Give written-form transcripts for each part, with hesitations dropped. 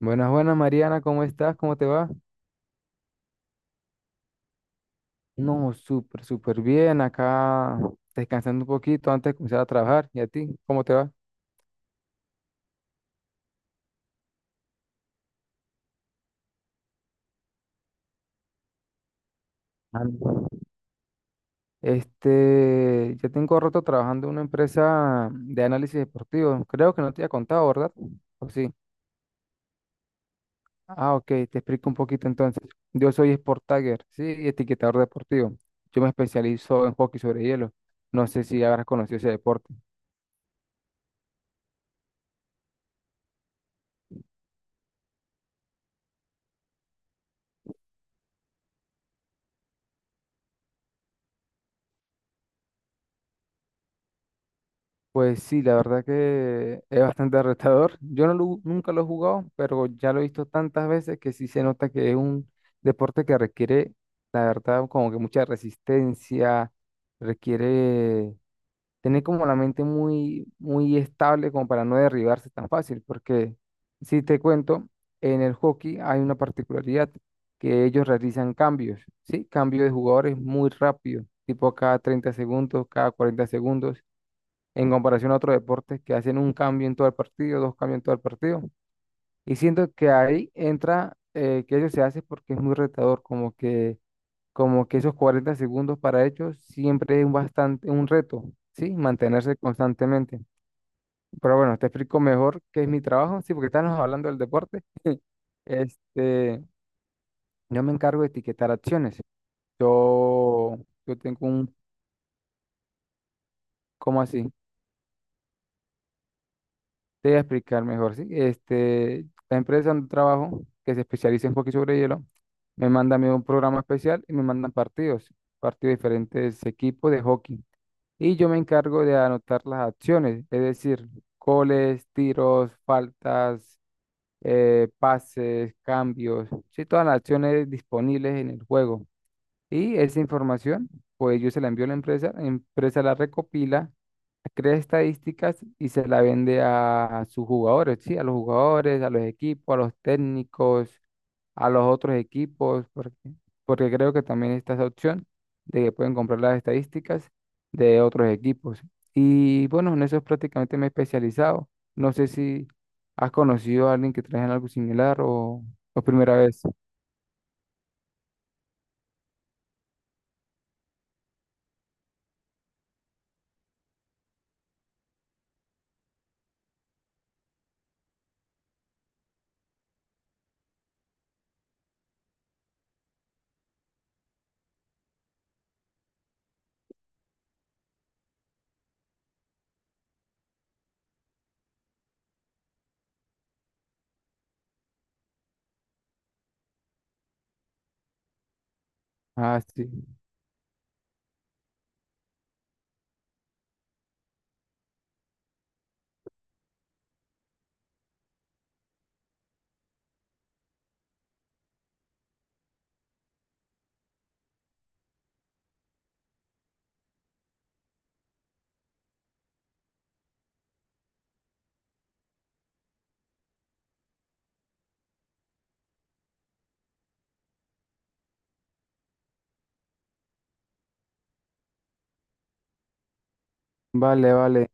Buenas, buenas, Mariana, ¿cómo estás? ¿Cómo te va? No, súper, súper bien. Acá descansando un poquito antes de comenzar a trabajar. ¿Y a ti? ¿Cómo te va? Ah, ya tengo rato trabajando en una empresa de análisis deportivo. Creo que no te había contado, ¿verdad? ¿O sí? Ah, ok, te explico un poquito entonces. Yo soy Sport Tagger, sí, y etiquetador deportivo. Yo me especializo en hockey sobre hielo. No sé si habrás conocido ese deporte. Pues sí, la verdad que es bastante retador. Yo nunca lo he jugado, pero ya lo he visto tantas veces que sí se nota que es un deporte que requiere, la verdad, como que mucha resistencia, requiere tener como la mente muy, muy estable como para no derribarse tan fácil, porque si te cuento, en el hockey hay una particularidad que ellos realizan cambios, ¿sí? Cambio de jugadores muy rápido, tipo cada 30 segundos, cada 40 segundos en comparación a otros deportes que hacen un cambio en todo el partido, dos cambios en todo el partido. Y siento que ahí entra que eso se hace porque es muy retador, como que esos 40 segundos para ellos siempre es un bastante un reto, ¿sí? Mantenerse constantemente. Pero bueno, te explico mejor qué es mi trabajo, sí, porque estamos hablando del deporte. Este, yo me encargo de etiquetar acciones. Yo, yo tengo un, ¿Cómo así? Te voy a explicar mejor, ¿sí? La empresa donde trabajo, que se especializa en hockey sobre hielo, me manda a mí un programa especial y me mandan partidos, partidos de diferentes equipos de hockey. Y yo me encargo de anotar las acciones, es decir, goles, tiros, faltas, pases, cambios, sí, todas las acciones disponibles en el juego. Y esa información, pues yo se la envío a la empresa, la empresa la recopila, crea estadísticas y se la vende a sus jugadores, ¿sí? A los jugadores, a los equipos, a los técnicos, a los otros equipos, porque creo que también está esa opción de que pueden comprar las estadísticas de otros equipos. Y bueno, en eso prácticamente me he especializado. No sé si has conocido a alguien que trabaja en algo similar o primera vez. Ah, sí. Vale, vale.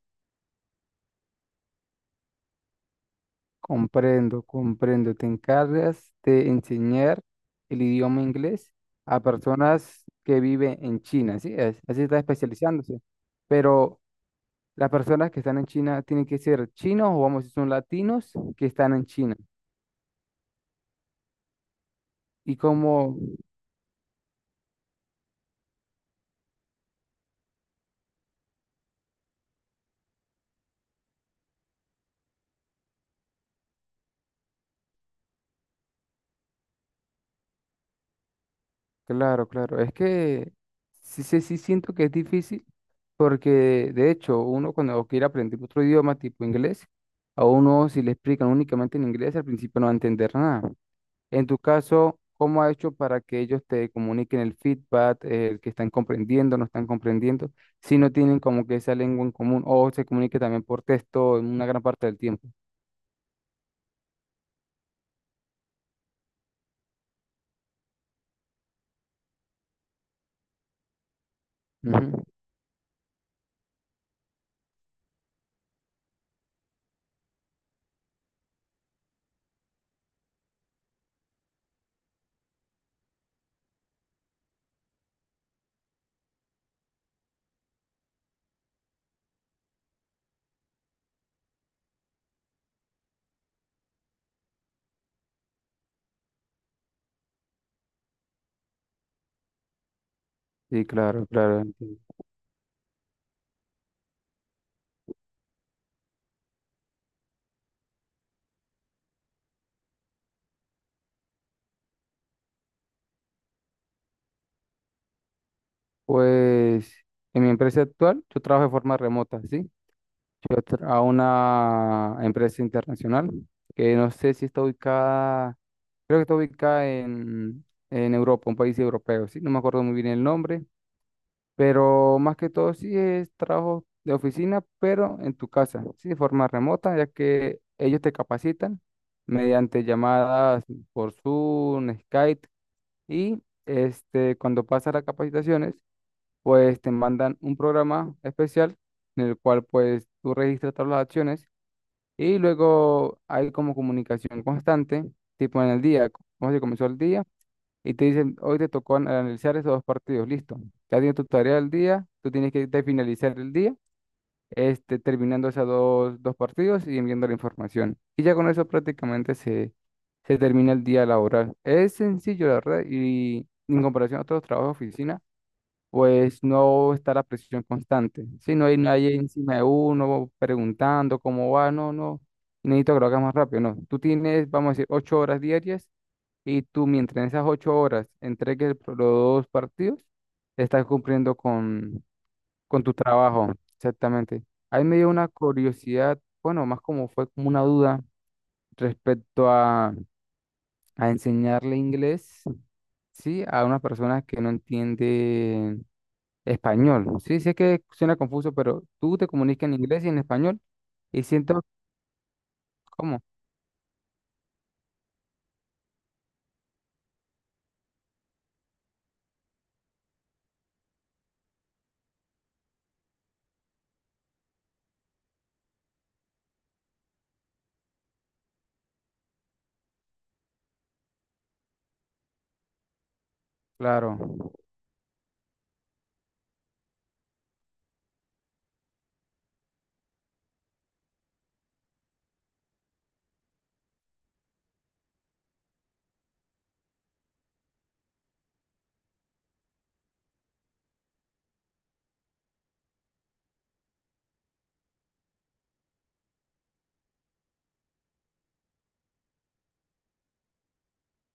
Comprendo, comprendo. Te encargas de enseñar el idioma inglés a personas que viven en China, así es, así está especializándose. Pero las personas que están en China tienen que ser chinos o vamos, si son latinos que están en China. Y como, claro, claro, es que sí, sí, sí siento que es difícil porque de hecho uno cuando quiere aprender otro idioma tipo inglés, a uno si le explican únicamente en inglés al principio no va a entender nada. En tu caso, ¿cómo ha hecho para que ellos te comuniquen el feedback, el que están comprendiendo, no están comprendiendo, si no tienen como que esa lengua en común o se comunique también por texto en una gran parte del tiempo? Ujú. Sí, claro, claro, entiendo. Pues en mi empresa actual, yo trabajo de forma remota, ¿sí? A una empresa internacional que no sé si está ubicada, creo que está ubicada en Europa, un país europeo, ¿sí? No me acuerdo muy bien el nombre. Pero más que todo sí es trabajo de oficina, pero en tu casa, sí, de forma remota, ya que ellos te capacitan mediante llamadas por Zoom, Skype, y cuando pasas las capacitaciones, pues te mandan un programa especial en el cual pues tú registras todas las acciones y luego hay como comunicación constante, tipo en el día, cómo se comenzó el día, y te dicen, hoy te tocó analizar esos dos partidos, listo. Ya tienes tu tarea del día, tú tienes que de finalizar el día, terminando esos dos partidos y enviando la información. Y ya con eso prácticamente se termina el día laboral. Es sencillo, la verdad, y en comparación a otros trabajos de oficina, pues no está la presión constante. Si no hay nadie encima de uno preguntando cómo va, no, no. Necesito que lo hagas más rápido, no. Tú tienes, vamos a decir, 8 horas diarias, y tú mientras en esas 8 horas entregues los dos partidos, estás cumpliendo con tu trabajo, exactamente. Ahí me dio una curiosidad, bueno, más como fue como una duda respecto a enseñarle inglés, ¿sí? A unas personas que no entienden español. Sí, sé que suena confuso, pero tú te comunicas en inglés y en español y siento cómo claro,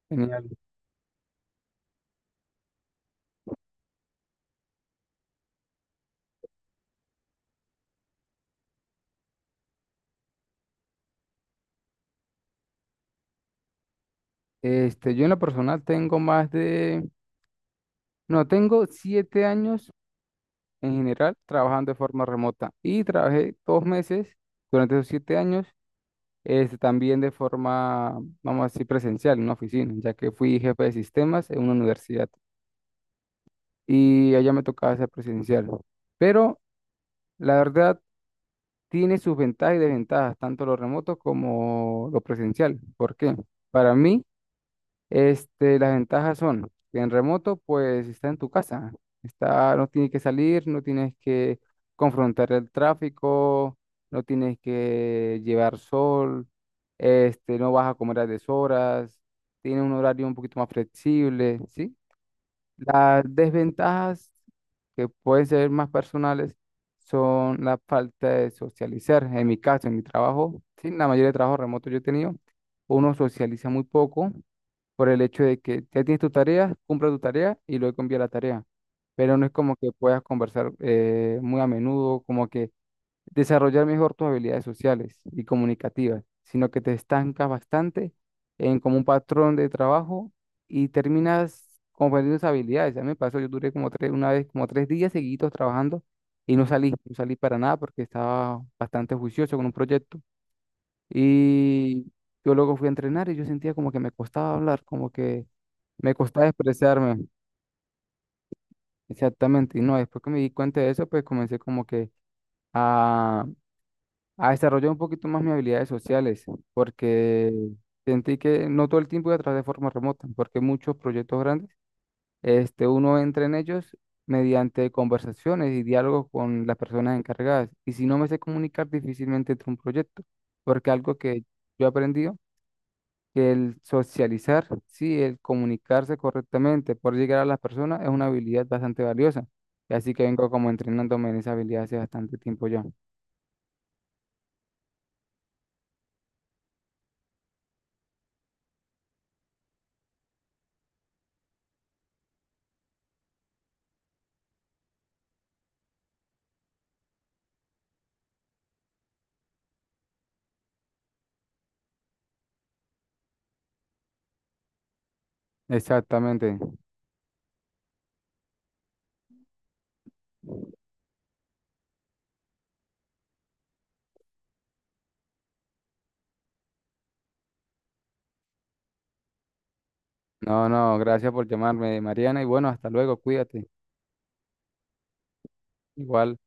genial. Yo en lo personal tengo más de... No, tengo 7 años en general trabajando de forma remota y trabajé 2 meses durante esos 7 años, también de forma, vamos a decir, presencial en una oficina, ya que fui jefe de sistemas en una universidad y allá me tocaba ser presencial. Pero la verdad tiene sus ventajas y desventajas, tanto lo remoto como lo presencial. ¿Por qué? Para mí, las ventajas son que en remoto, pues está en tu casa, está, no tienes que salir, no tienes que confrontar el tráfico, no tienes que llevar sol, no vas a comer a deshoras, tiene un horario un poquito más flexible, ¿sí? Las desventajas que pueden ser más personales son la falta de socializar. En mi caso, en mi trabajo, sí, la mayoría de trabajo remoto yo he tenido, uno socializa muy poco por el hecho de que ya tienes tu tarea, cumple tu tarea y luego envía la tarea. Pero no es como que puedas conversar muy a menudo, como que desarrollar mejor tus habilidades sociales y comunicativas, sino que te estancas bastante en como un patrón de trabajo y terminas confundiendo esas habilidades. A mí me pasó, yo duré como tres, una vez, como 3 días seguidos trabajando y no salí, no salí para nada porque estaba bastante juicioso con un proyecto. Y yo luego fui a entrenar y yo sentía como que me costaba hablar, como que me costaba expresarme. Exactamente. Y no, después que me di cuenta de eso, pues comencé como que a, a desarrollar un poquito más mis habilidades sociales, porque sentí que no todo el tiempo iba a trabajar de forma remota, porque muchos proyectos grandes, uno entra en ellos mediante conversaciones y diálogos con las personas encargadas. Y si no me sé comunicar, difícilmente entro a un proyecto, porque algo que yo aprendí que el socializar, sí, el comunicarse correctamente, por llegar a las personas es una habilidad bastante valiosa. Así que vengo como entrenándome en esa habilidad hace bastante tiempo ya. Exactamente. No, no, gracias por llamarme, Mariana, y bueno, hasta luego, cuídate. Igual.